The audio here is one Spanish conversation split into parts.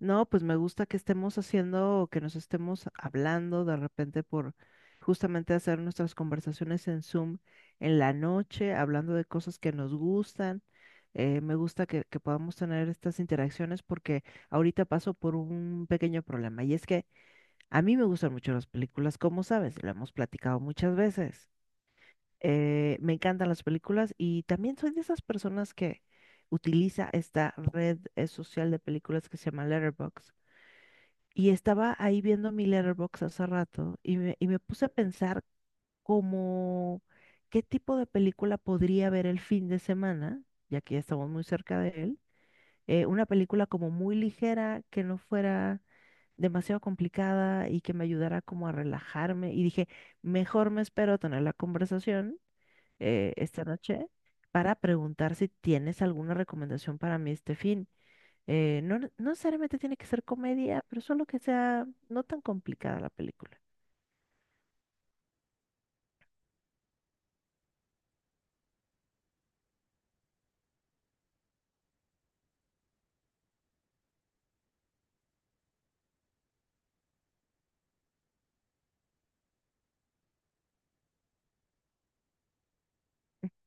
No, pues me gusta que estemos haciendo, o que nos estemos hablando de repente por justamente hacer nuestras conversaciones en Zoom en la noche, hablando de cosas que nos gustan. Me gusta que podamos tener estas interacciones porque ahorita paso por un pequeño problema, y es que a mí me gustan mucho las películas, como sabes, lo hemos platicado muchas veces. Me encantan las películas y también soy de esas personas que utiliza esta red social de películas que se llama Letterboxd, y estaba ahí viendo mi Letterboxd hace rato y y me puse a pensar como qué tipo de película podría ver el fin de semana, ya que ya estamos muy cerca de él. Una película como muy ligera, que no fuera demasiado complicada y que me ayudara como a relajarme. Y dije, mejor me espero a tener la conversación esta noche para preguntar si tienes alguna recomendación para mí este fin. No, no necesariamente tiene que ser comedia, pero solo que sea no tan complicada la película.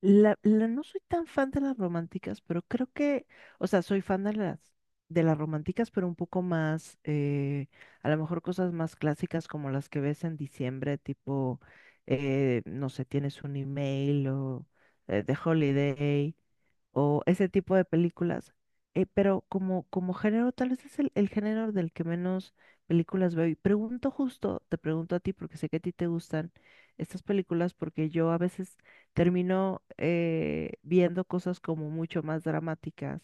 No soy tan fan de las románticas, pero creo que, o sea, soy fan de las románticas, pero un poco más, a lo mejor cosas más clásicas como las que ves en diciembre, tipo, no sé, tienes un email o The Holiday o ese tipo de películas. Pero como, como género, tal vez es el género del que menos películas veo. Y pregunto justo, te pregunto a ti, porque sé que a ti te gustan estas películas, porque yo a veces termino viendo cosas como mucho más dramáticas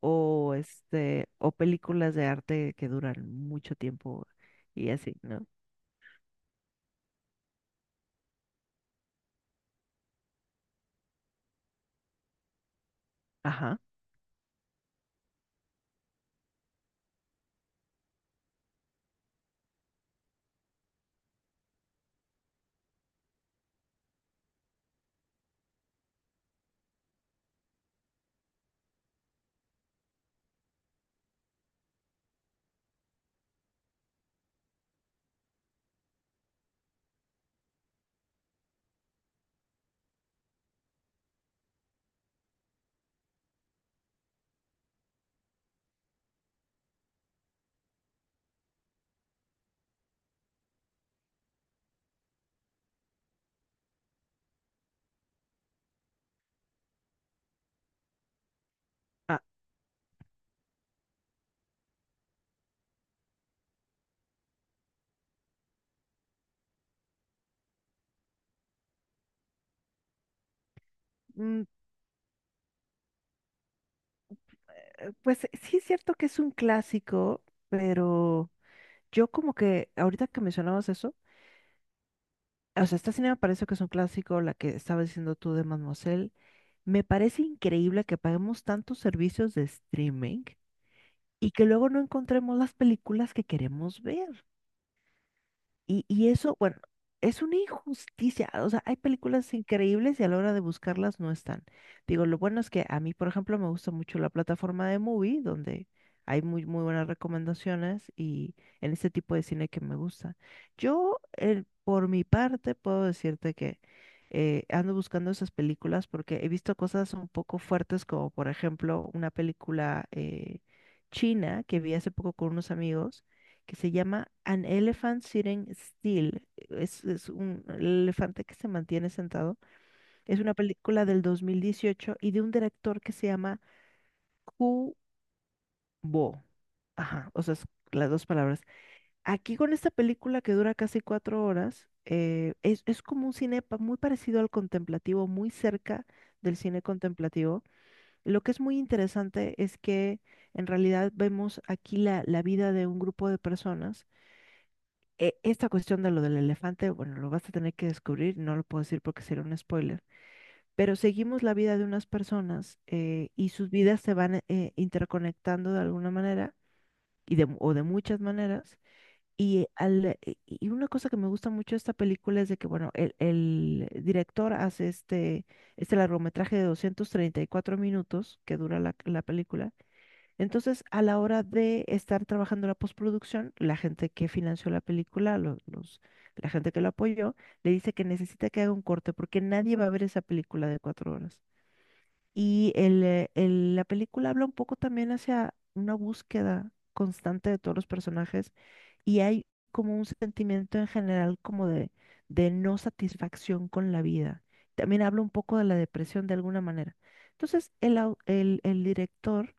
o este o películas de arte que duran mucho tiempo y así, ¿no? Ajá. Ah, mm, pues sí es cierto que es un clásico, pero yo como que ahorita que mencionabas eso, o sea, esta cine me parece que es un clásico, la que estabas diciendo tú de Mademoiselle. Me parece increíble que paguemos tantos servicios de streaming y que luego no encontremos las películas que queremos ver. Y eso, bueno, es una injusticia. O sea, hay películas increíbles y a la hora de buscarlas no están. Digo, lo bueno es que a mí, por ejemplo, me gusta mucho la plataforma de Movie, donde hay muy, muy buenas recomendaciones y en este tipo de cine que me gusta. Yo, por mi parte, puedo decirte que ando buscando esas películas porque he visto cosas un poco fuertes, como por ejemplo una película china que vi hace poco con unos amigos que se llama An Elephant Sitting Still. Es un elefante que se mantiene sentado. Es una película del 2018 y de un director que se llama Kubo. Ajá, o sea, es las dos palabras. Aquí con esta película que dura casi 4 horas, es como un muy parecido al contemplativo, muy cerca del cine contemplativo. Lo que es muy interesante es que en realidad vemos aquí la vida de un grupo de personas, esta cuestión de lo del elefante, bueno, lo vas a tener que descubrir, no lo puedo decir porque sería un spoiler, pero seguimos la vida de unas personas y sus vidas se van interconectando de alguna manera y de, o de muchas maneras. Y una cosa que me gusta mucho de esta película es de que, bueno, el director hace este, este largometraje de 234 minutos que dura la película. Entonces, a la hora de estar trabajando la postproducción, la gente que financió la película, la gente que lo apoyó, le dice que necesita que haga un corte porque nadie va a ver esa película de 4 horas. La película habla un poco también hacia una búsqueda constante de todos los personajes, y hay como un sentimiento en general como de no satisfacción con la vida. También habla un poco de la depresión de alguna manera. Entonces, el director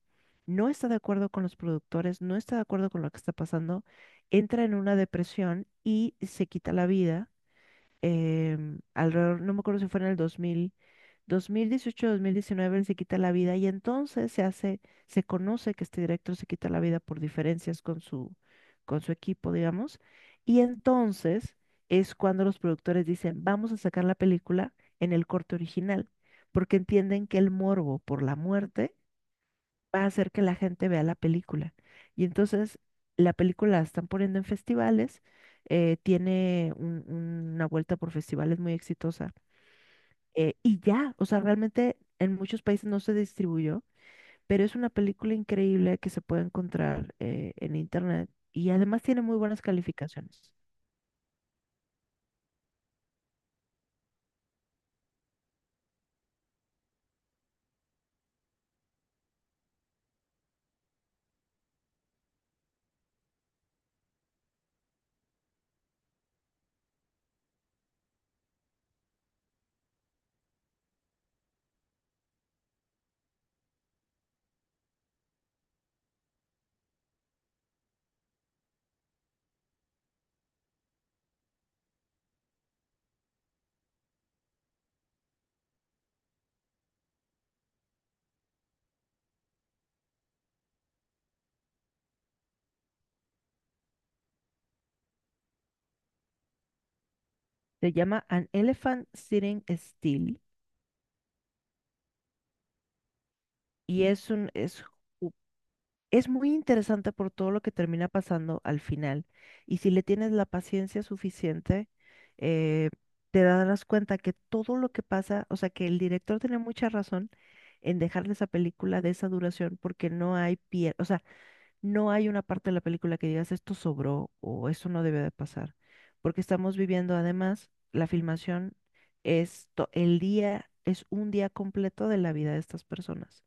no está de acuerdo con los productores, no está de acuerdo con lo que está pasando, entra en una depresión y se quita la vida. Alrededor, no me acuerdo si fue en el 2000 2018-2019 él se quita la vida, y entonces se hace, se conoce que este director se quita la vida por diferencias con su equipo, digamos. Y entonces es cuando los productores dicen, vamos a sacar la película en el corte original, porque entienden que el morbo por la muerte va a hacer que la gente vea la película. Y entonces la película la están poniendo en festivales, tiene un- una vuelta por festivales muy exitosa, y ya, o sea, realmente en muchos países no se distribuyó, pero es una película increíble que se puede encontrar en internet, y además tiene muy buenas calificaciones. Se llama An Elephant Sitting Still y es un, ju- es muy interesante por todo lo que termina pasando al final. Y si le tienes la paciencia suficiente, eh, te darás cuenta que todo lo que pasa, o sea, que el director tiene mucha razón en dejarle esa película de esa duración porque no hay pierde. No hay una parte de la película que digas esto sobró o eso no debe de pasar, porque estamos viviendo además la filmación es el día, es un día completo de la vida de estas personas.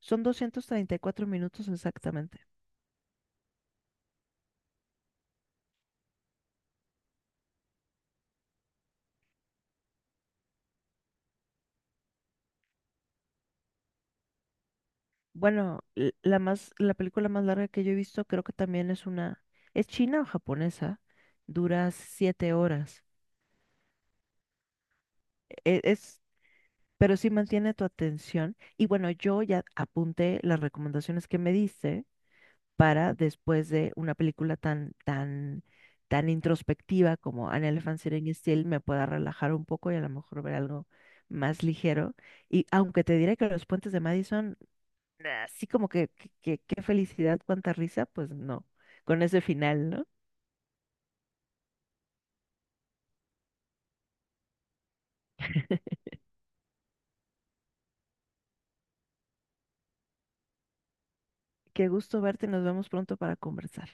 Son 234 minutos exactamente. Bueno, la película más larga que yo he visto, creo que también es una, es china o japonesa, dura 7 horas. E- Es, pero sí mantiene tu atención. Y bueno, yo ya apunté las recomendaciones que me diste para después de una película tan, tan, tan introspectiva como An Elephant Sitting Still, me pueda relajar un poco y a lo mejor ver algo más ligero. Y aunque te diré que Los Puentes de Madison, así como que, qué felicidad, cuánta risa, pues no, con ese final, ¿no? Qué gusto verte, nos vemos pronto para conversar.